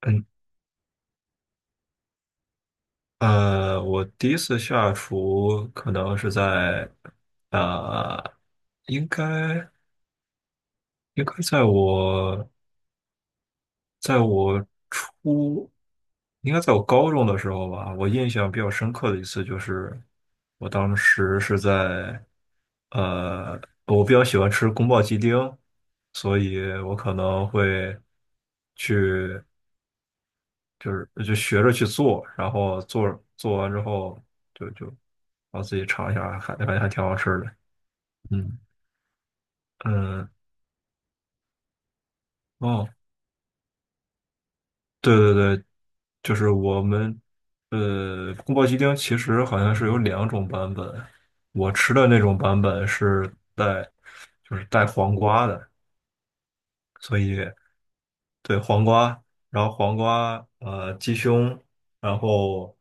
嗯，我第一次下厨可能是在，呃，应该应该在我在我初，应该在我高中的时候吧。我印象比较深刻的一次就是，我当时是在，呃，我比较喜欢吃宫保鸡丁，所以我可能会去，就学着去做，然后做完之后。就就然后自己尝一下，还感觉还挺好吃的。嗯，嗯，哦，对对对，就是我们宫保鸡丁其实好像是有两种版本，我吃的那种版本是带就是带黄瓜的，所以对黄瓜，然后黄瓜鸡胸，然后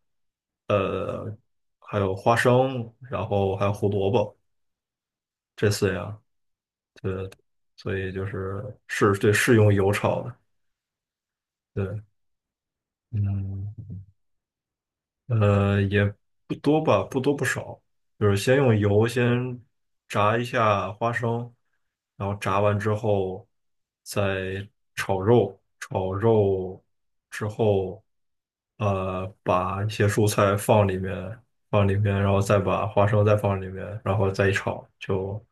呃还有花生，然后还有胡萝卜这四样，所以就是是对是用油炒的，对，嗯。也不多吧，不多不少，就是先用油先炸一下花生，然后炸完之后再炒肉之后，把一些蔬菜放里面，然后再把花生再放里面，然后再一炒，就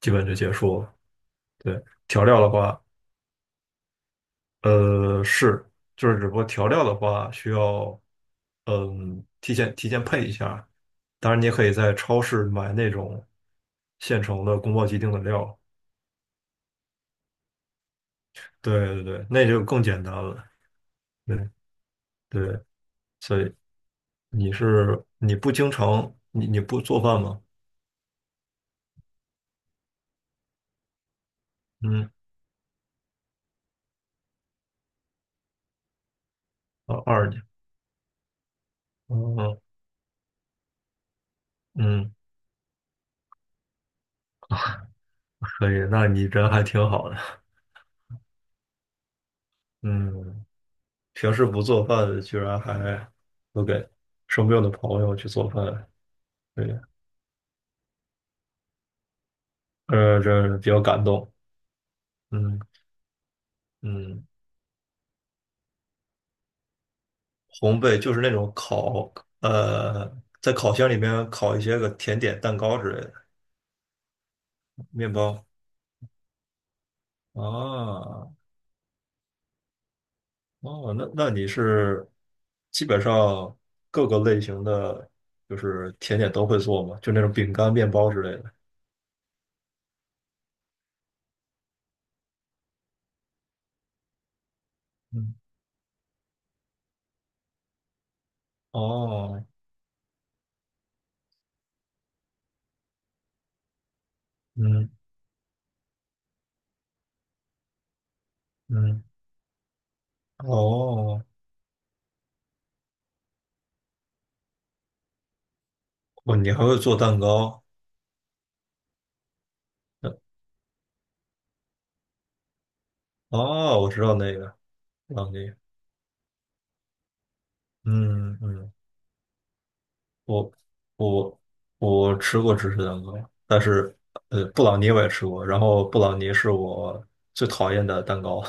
基本就结束了。对，调料的话。是，就是只不过调料的话需要，嗯，提前配一下。当然，你也可以在超市买那种现成的宫保鸡丁的料。对对对，那就更简单了。对对，所以你是你不经常你你不做饭吗？嗯，啊，二年，嗯嗯，可以，那你人还挺好的。嗯，平时不做饭，居然还都给生病的朋友去做饭。对，这比较感动。嗯嗯，烘焙就是那种烤，呃，在烤箱里面烤一些个甜点、蛋糕之类的面包啊。哦，那你是基本上各个类型的就是甜点都会做吗？就那种饼干、面包之类的。嗯，哦，嗯嗯，哦，哦，你还会做蛋糕？哦，我知道那个，知道那个嗯嗯。我我我吃过芝士蛋糕，但是布朗尼我也吃过，然后布朗尼是我最讨厌的蛋糕。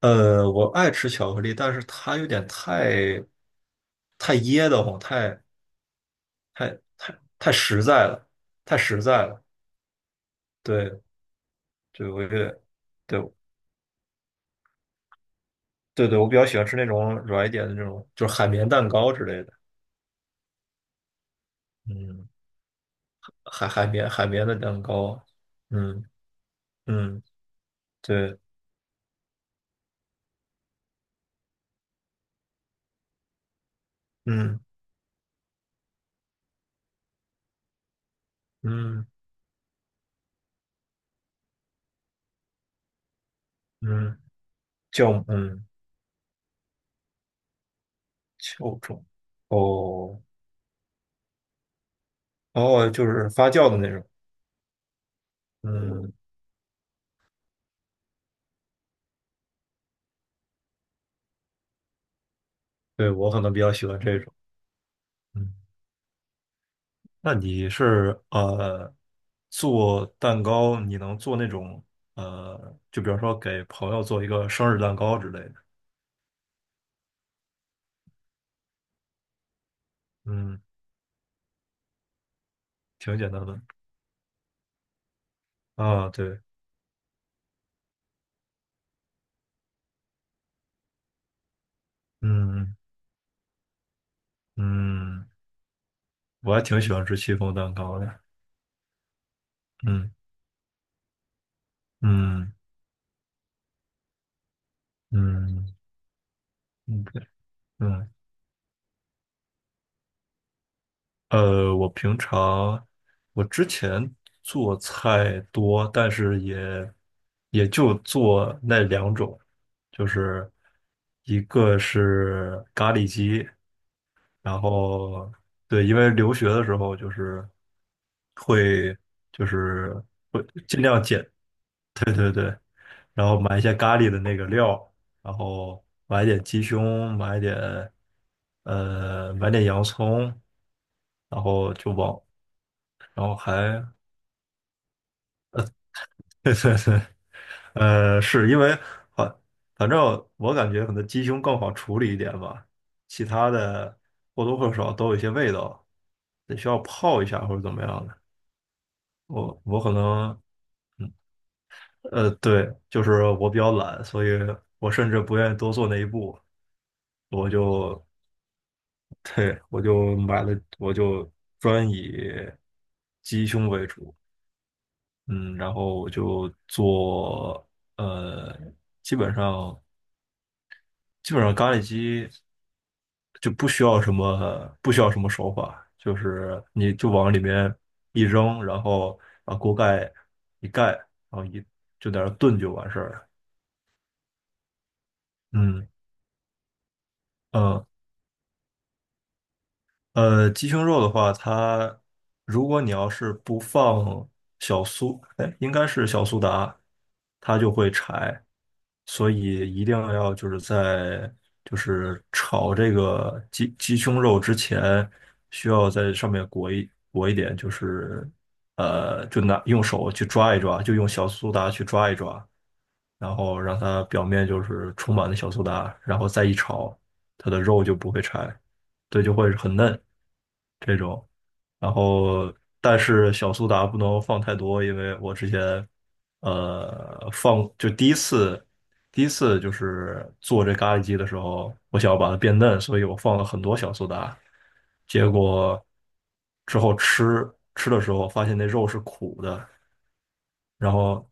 我爱吃巧克力，但是它有点太噎得慌，太太实在了，太实在了。对，就我觉得，对对对，我比较喜欢吃那种软一点的那种，就是海绵蛋糕之类的。嗯，海绵的蛋糕。嗯嗯，对，嗯嗯嗯。酵母，嗯酵种哦哦，就是发酵的那种。嗯，对，我可能比较喜欢这种。嗯，那你是做蛋糕，你能做那种就比如说给朋友做一个生日蛋糕之类的。嗯，挺简单的啊，对，嗯嗯，我还挺喜欢吃戚风蛋糕的。嗯嗯嗯嗯，对，嗯。我平常我之前做菜多，但是也就做那两种，就是一个是咖喱鸡，然后对，因为留学的时候会就是会尽量简，然后买一些咖喱的那个料，然后买点鸡胸，买点洋葱，然后就往。然后还 是因为反反正我感觉可能鸡胸更好处理一点吧，其他的或多或少都有一些味道，得需要泡一下或者怎么样的。我可能，嗯对，就是我比较懒，所以我甚至不愿意多做那一步，我就，对，我就买了，我就专以鸡胸为主，嗯，然后我就做，呃，基本上。咖喱鸡就不需要什么手法，就是你就往里面一扔，然后把锅盖一盖，然后就在那儿炖就完事儿了。嗯嗯，鸡胸肉的话，它如果你要是不放小苏，哎，应该是小苏打，它就会柴，所以一定要就是炒这个鸡胸肉之前，需要在上面裹一点，就是用手去抓一抓，就用小苏打去抓一抓，然后让它表面就是充满了小苏打，然后再一炒，它的肉就不会柴，对，就会很嫩这种。然后，但是小苏打不能放太多，因为我之前呃放就第一次就是做这咖喱鸡的时候，我想要把它变嫩，所以我放了很多小苏打，结果之后吃的时候发现那肉是苦的。然后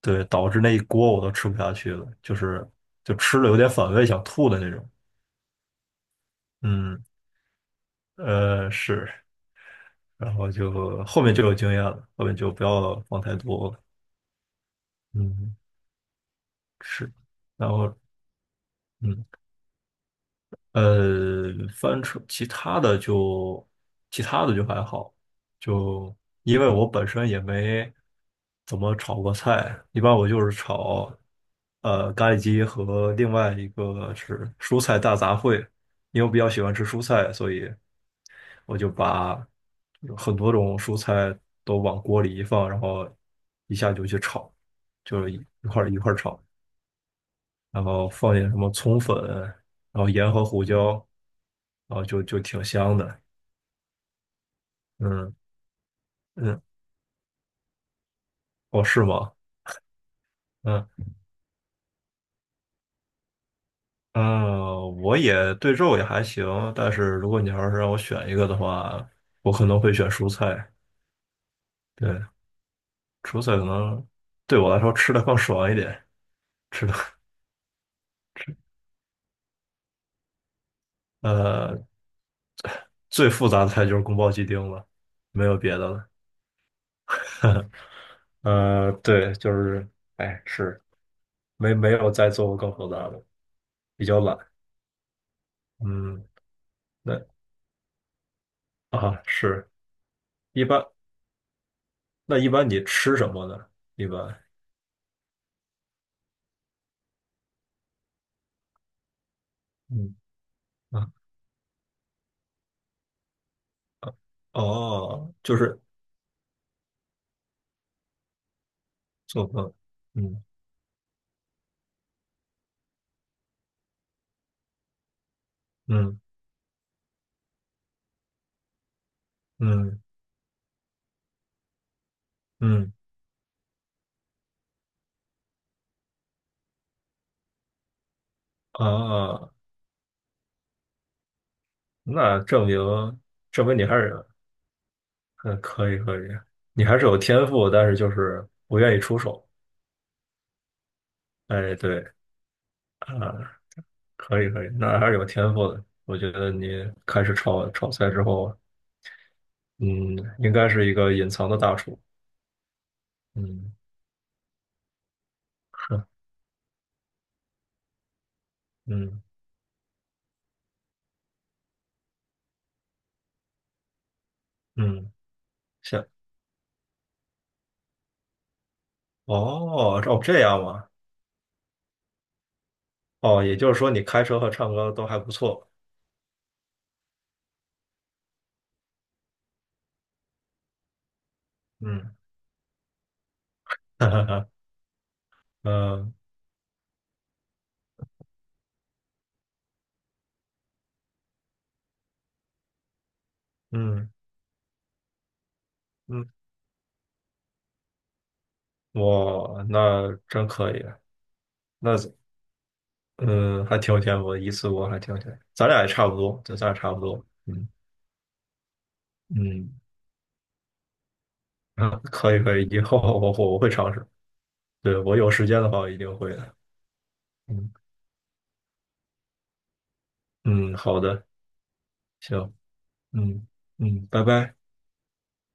对，导致那一锅我都吃不下去了，就是吃了有点反胃，想吐的那种。嗯，是，然后就后面就有经验了，后面就不要放太多了。嗯，是，然后嗯。呃，翻车，其他的就还好，就因为我本身也没怎么炒过菜，一般我就是炒咖喱鸡和另外一个是蔬菜大杂烩，因为我比较喜欢吃蔬菜，所以我就把很多种蔬菜都往锅里一放，然后一下就去炒，就是一块儿一块儿炒。然后放点什么葱粉，然后盐和胡椒，然后就挺香的。嗯嗯，哦，是吗？嗯嗯，我也对肉也还行，但是如果你要是让我选一个的话，我可能会选蔬菜。对，蔬菜可能对我来说吃的更爽一点，吃的呃最复杂的菜就是宫保鸡丁了，没有别的了。对，就是哎是没有再做过更复杂的，比较懒。嗯。那啊是一般，那一般你吃什么呢？一般，嗯啊哦，就是做饭，嗯嗯嗯嗯啊，那证明你还是嗯可以可以，你还是有天赋，但是就是不愿意出手。哎，对啊，可以可以，那还是有天赋的。我觉得你开始炒菜之后，嗯，应该是一个隐藏的大厨。嗯，是，嗯嗯。行。哦，哦，这样吗？哦，也就是说你开车和唱歌都还不错。嗯，哈哈哈，嗯嗯嗯，哇，那真可以，那嗯还挺有天赋的，一次过还挺有天赋。咱俩也差不多，对，咱俩差不多。嗯嗯，啊可以可以，以后我会尝试。对，我有时间的话，我一定会的。嗯嗯，好的，行，嗯嗯，拜拜。